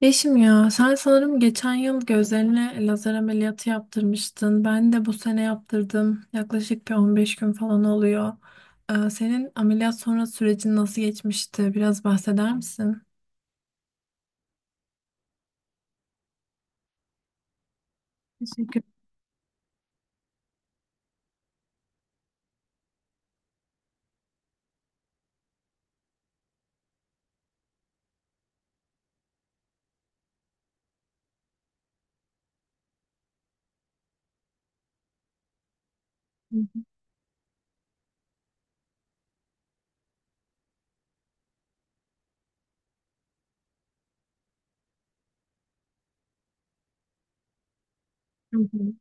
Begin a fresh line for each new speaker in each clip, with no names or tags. Yeşim ya sen sanırım geçen yıl gözlerine lazer ameliyatı yaptırmıştın. Ben de bu sene yaptırdım. Yaklaşık bir 15 gün falan oluyor. Senin ameliyat sonrası sürecin nasıl geçmişti? Biraz bahseder misin? Teşekkür ederim. Hı hı.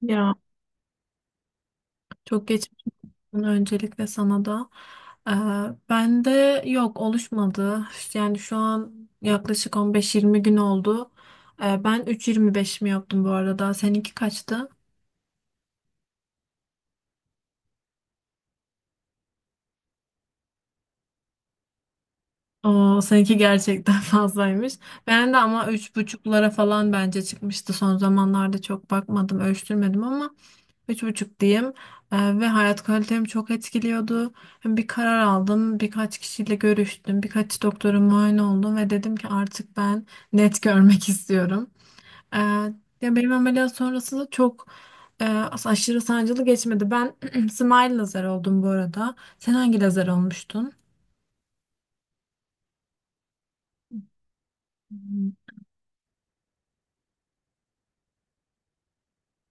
Ya, çok geçmiş olsun öncelikle sana da. Ee, Ben de yok, oluşmadı. Yani şu an yaklaşık 15-20 gün oldu. Ben 3.25 mi yaptım bu arada? Seninki kaçtı? O seninki gerçekten fazlaymış. Ben de ama üç buçuklara falan bence çıkmıştı. Son zamanlarda çok bakmadım, ölçtürmedim ama üç buçuk diyeyim. Ve hayat kalitemi çok etkiliyordu. Bir karar aldım, birkaç kişiyle görüştüm, birkaç doktora muayene oldum ve dedim ki artık ben net görmek istiyorum. Ee, ya benim ameliyat sonrası da çok e, aşırı sancılı geçmedi. Ben smile lazer oldum bu arada. Sen hangi lazer olmuştun? Hı hı.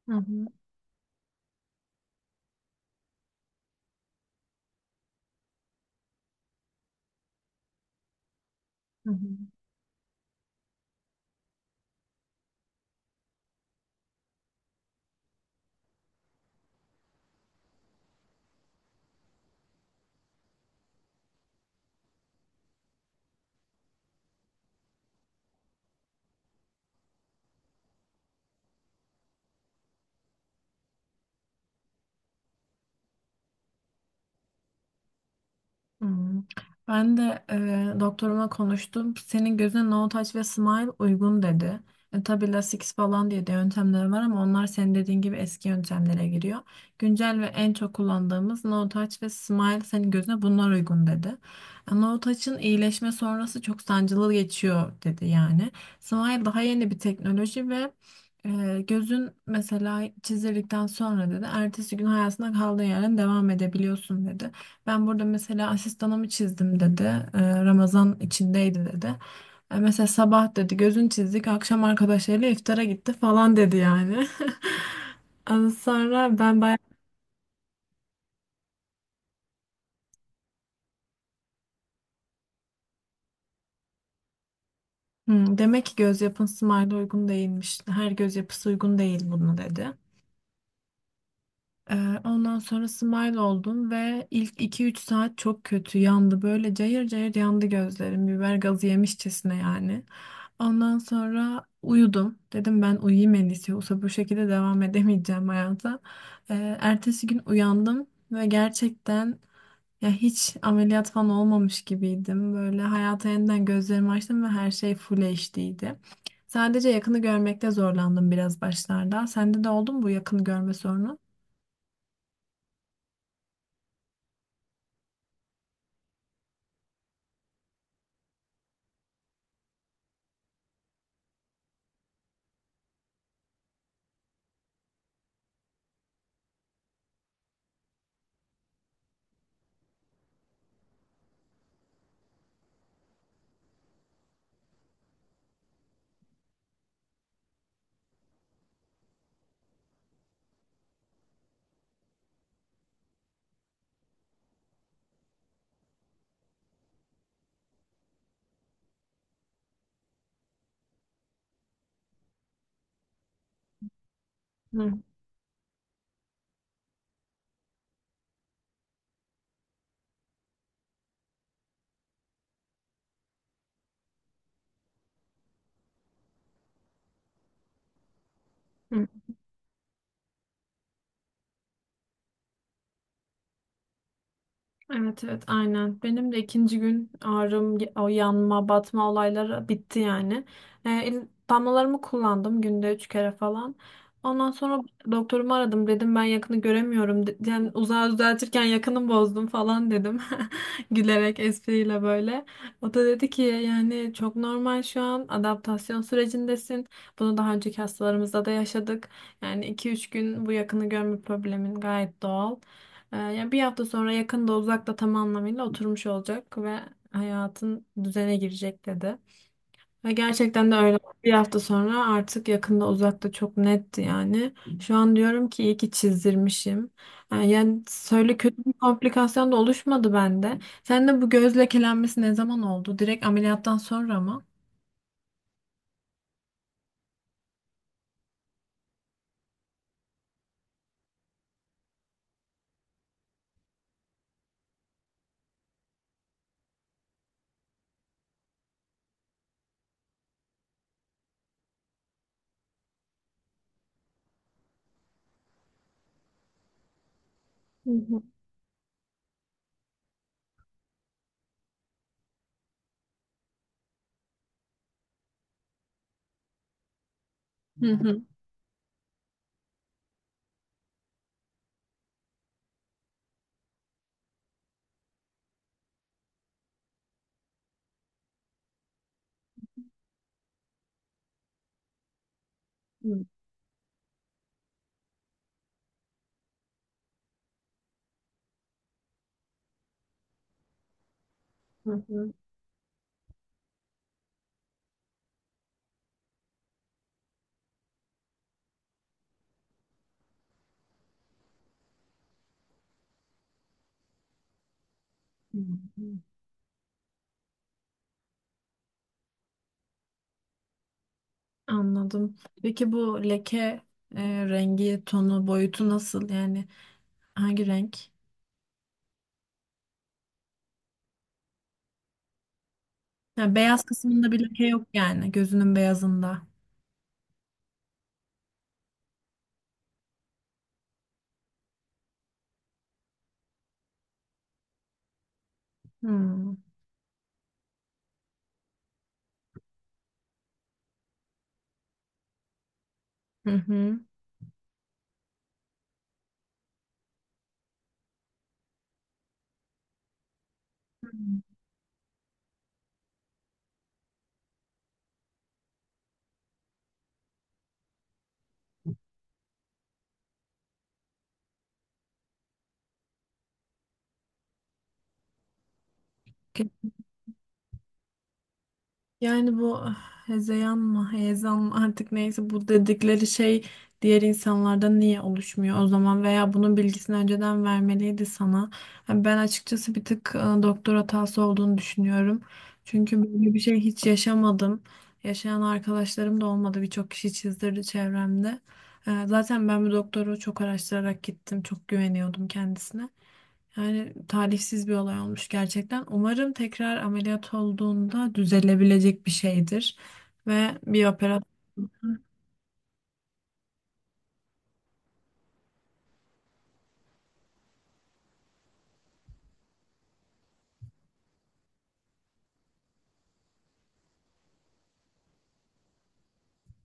Hı hı. Hı hı. Hmm. Ben de doktoruma konuştum. Senin gözüne no touch ve smile uygun dedi. E, tabii lasik falan diye de yöntemler var ama onlar senin dediğin gibi eski yöntemlere giriyor. Güncel ve en çok kullandığımız no touch ve smile senin gözüne bunlar uygun dedi. E, no touch'ın iyileşme sonrası çok sancılı geçiyor dedi yani. Smile daha yeni bir teknoloji ve gözün mesela çizildikten sonra dedi ertesi gün hayatına kaldığın yerden devam edebiliyorsun dedi. Ben burada mesela asistanımı çizdim dedi. Ramazan içindeydi dedi. Mesela sabah dedi gözün çizdik akşam arkadaşlarıyla iftara gitti falan dedi yani. Ondan sonra ben bayağı "Hmm, demek ki göz yapın Smile'a uygun değilmiş. Her göz yapısı uygun değil" bunu dedi. Ondan sonra smile oldum ve ilk iki üç saat çok kötü yandı. Böyle cayır cayır yandı gözlerim. Biber gazı yemişçesine yani. Ondan sonra uyudum. Dedim ben uyuyayım en iyisi. Yoksa bu şekilde devam edemeyeceğim hayata. Ertesi gün uyandım ve gerçekten ya hiç ameliyat falan olmamış gibiydim. Böyle hayata yeniden gözlerimi açtım ve her şey full HD'ydi. Sadece yakını görmekte zorlandım biraz başlarda. Sende de oldu mu bu yakını görme sorunu? Hı. Evet, evet, aynen. Benim de ikinci gün ağrım, o yanma, batma olayları bitti yani. E, damlalarımı kullandım günde üç kere falan. Ondan sonra doktorumu aradım, dedim ben yakını göremiyorum. Yani uzağı düzeltirken yakını bozdum falan dedim. Gülerek, espriyle böyle. O da dedi ki yani çok normal, şu an adaptasyon sürecindesin. Bunu daha önceki hastalarımızda da yaşadık. Yani iki üç gün bu yakını görme problemin gayet doğal. Yani bir hafta sonra yakında uzakta tam anlamıyla oturmuş olacak ve hayatın düzene girecek dedi. Ve gerçekten de öyle. Bir hafta sonra artık yakında uzakta çok netti yani. Şu an diyorum ki iyi ki çizdirmişim. Yani söyle kötü bir komplikasyon da oluşmadı bende. Sen de bu göz lekelenmesi ne zaman oldu? Direkt ameliyattan sonra mı? Hı hı. Hı hı. Hı hı. Hı. Hı. Hı. Anladım. Peki bu leke rengi, tonu, boyutu nasıl? Yani hangi renk? Yani beyaz kısmında bir leke yok yani, gözünün beyazında. Hı hı. Hı. Hı. Yani bu ah, hezeyan mı, heyecan mı artık neyse bu dedikleri şey diğer insanlarda niye oluşmuyor o zaman? Veya bunun bilgisini önceden vermeliydi sana. Yani ben açıkçası bir tık doktor hatası olduğunu düşünüyorum. Çünkü böyle bir şey hiç yaşamadım. Yaşayan arkadaşlarım da olmadı. Birçok kişi çizdirdi çevremde. E, zaten ben bu doktoru çok araştırarak gittim. Çok güveniyordum kendisine. Yani talihsiz bir olay olmuş gerçekten. Umarım tekrar ameliyat olduğunda düzelebilecek bir şeydir. Ve bir operasyon.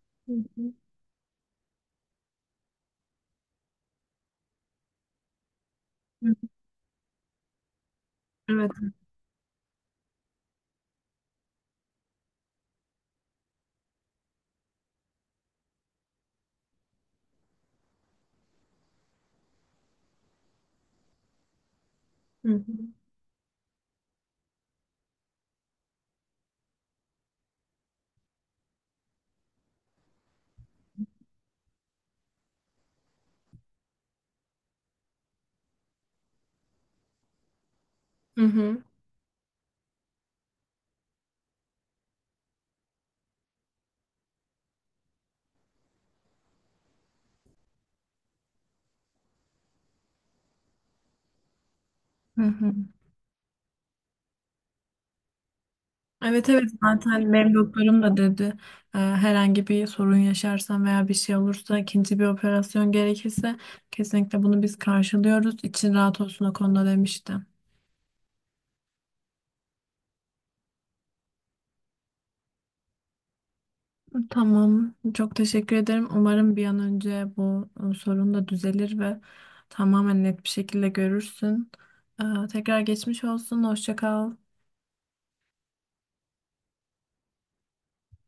Hı hı. Evet. Hı hı. Hı hı. Hı hı. Evet, evet, zaten benim doktorum da dedi herhangi bir sorun yaşarsam veya bir şey olursa ikinci bir operasyon gerekirse kesinlikle bunu biz karşılıyoruz. İçin rahat olsun o konuda demişti. Tamam. Çok teşekkür ederim. Umarım bir an önce bu sorun da düzelir ve tamamen net bir şekilde görürsün. Tekrar geçmiş olsun. Hoşça kal.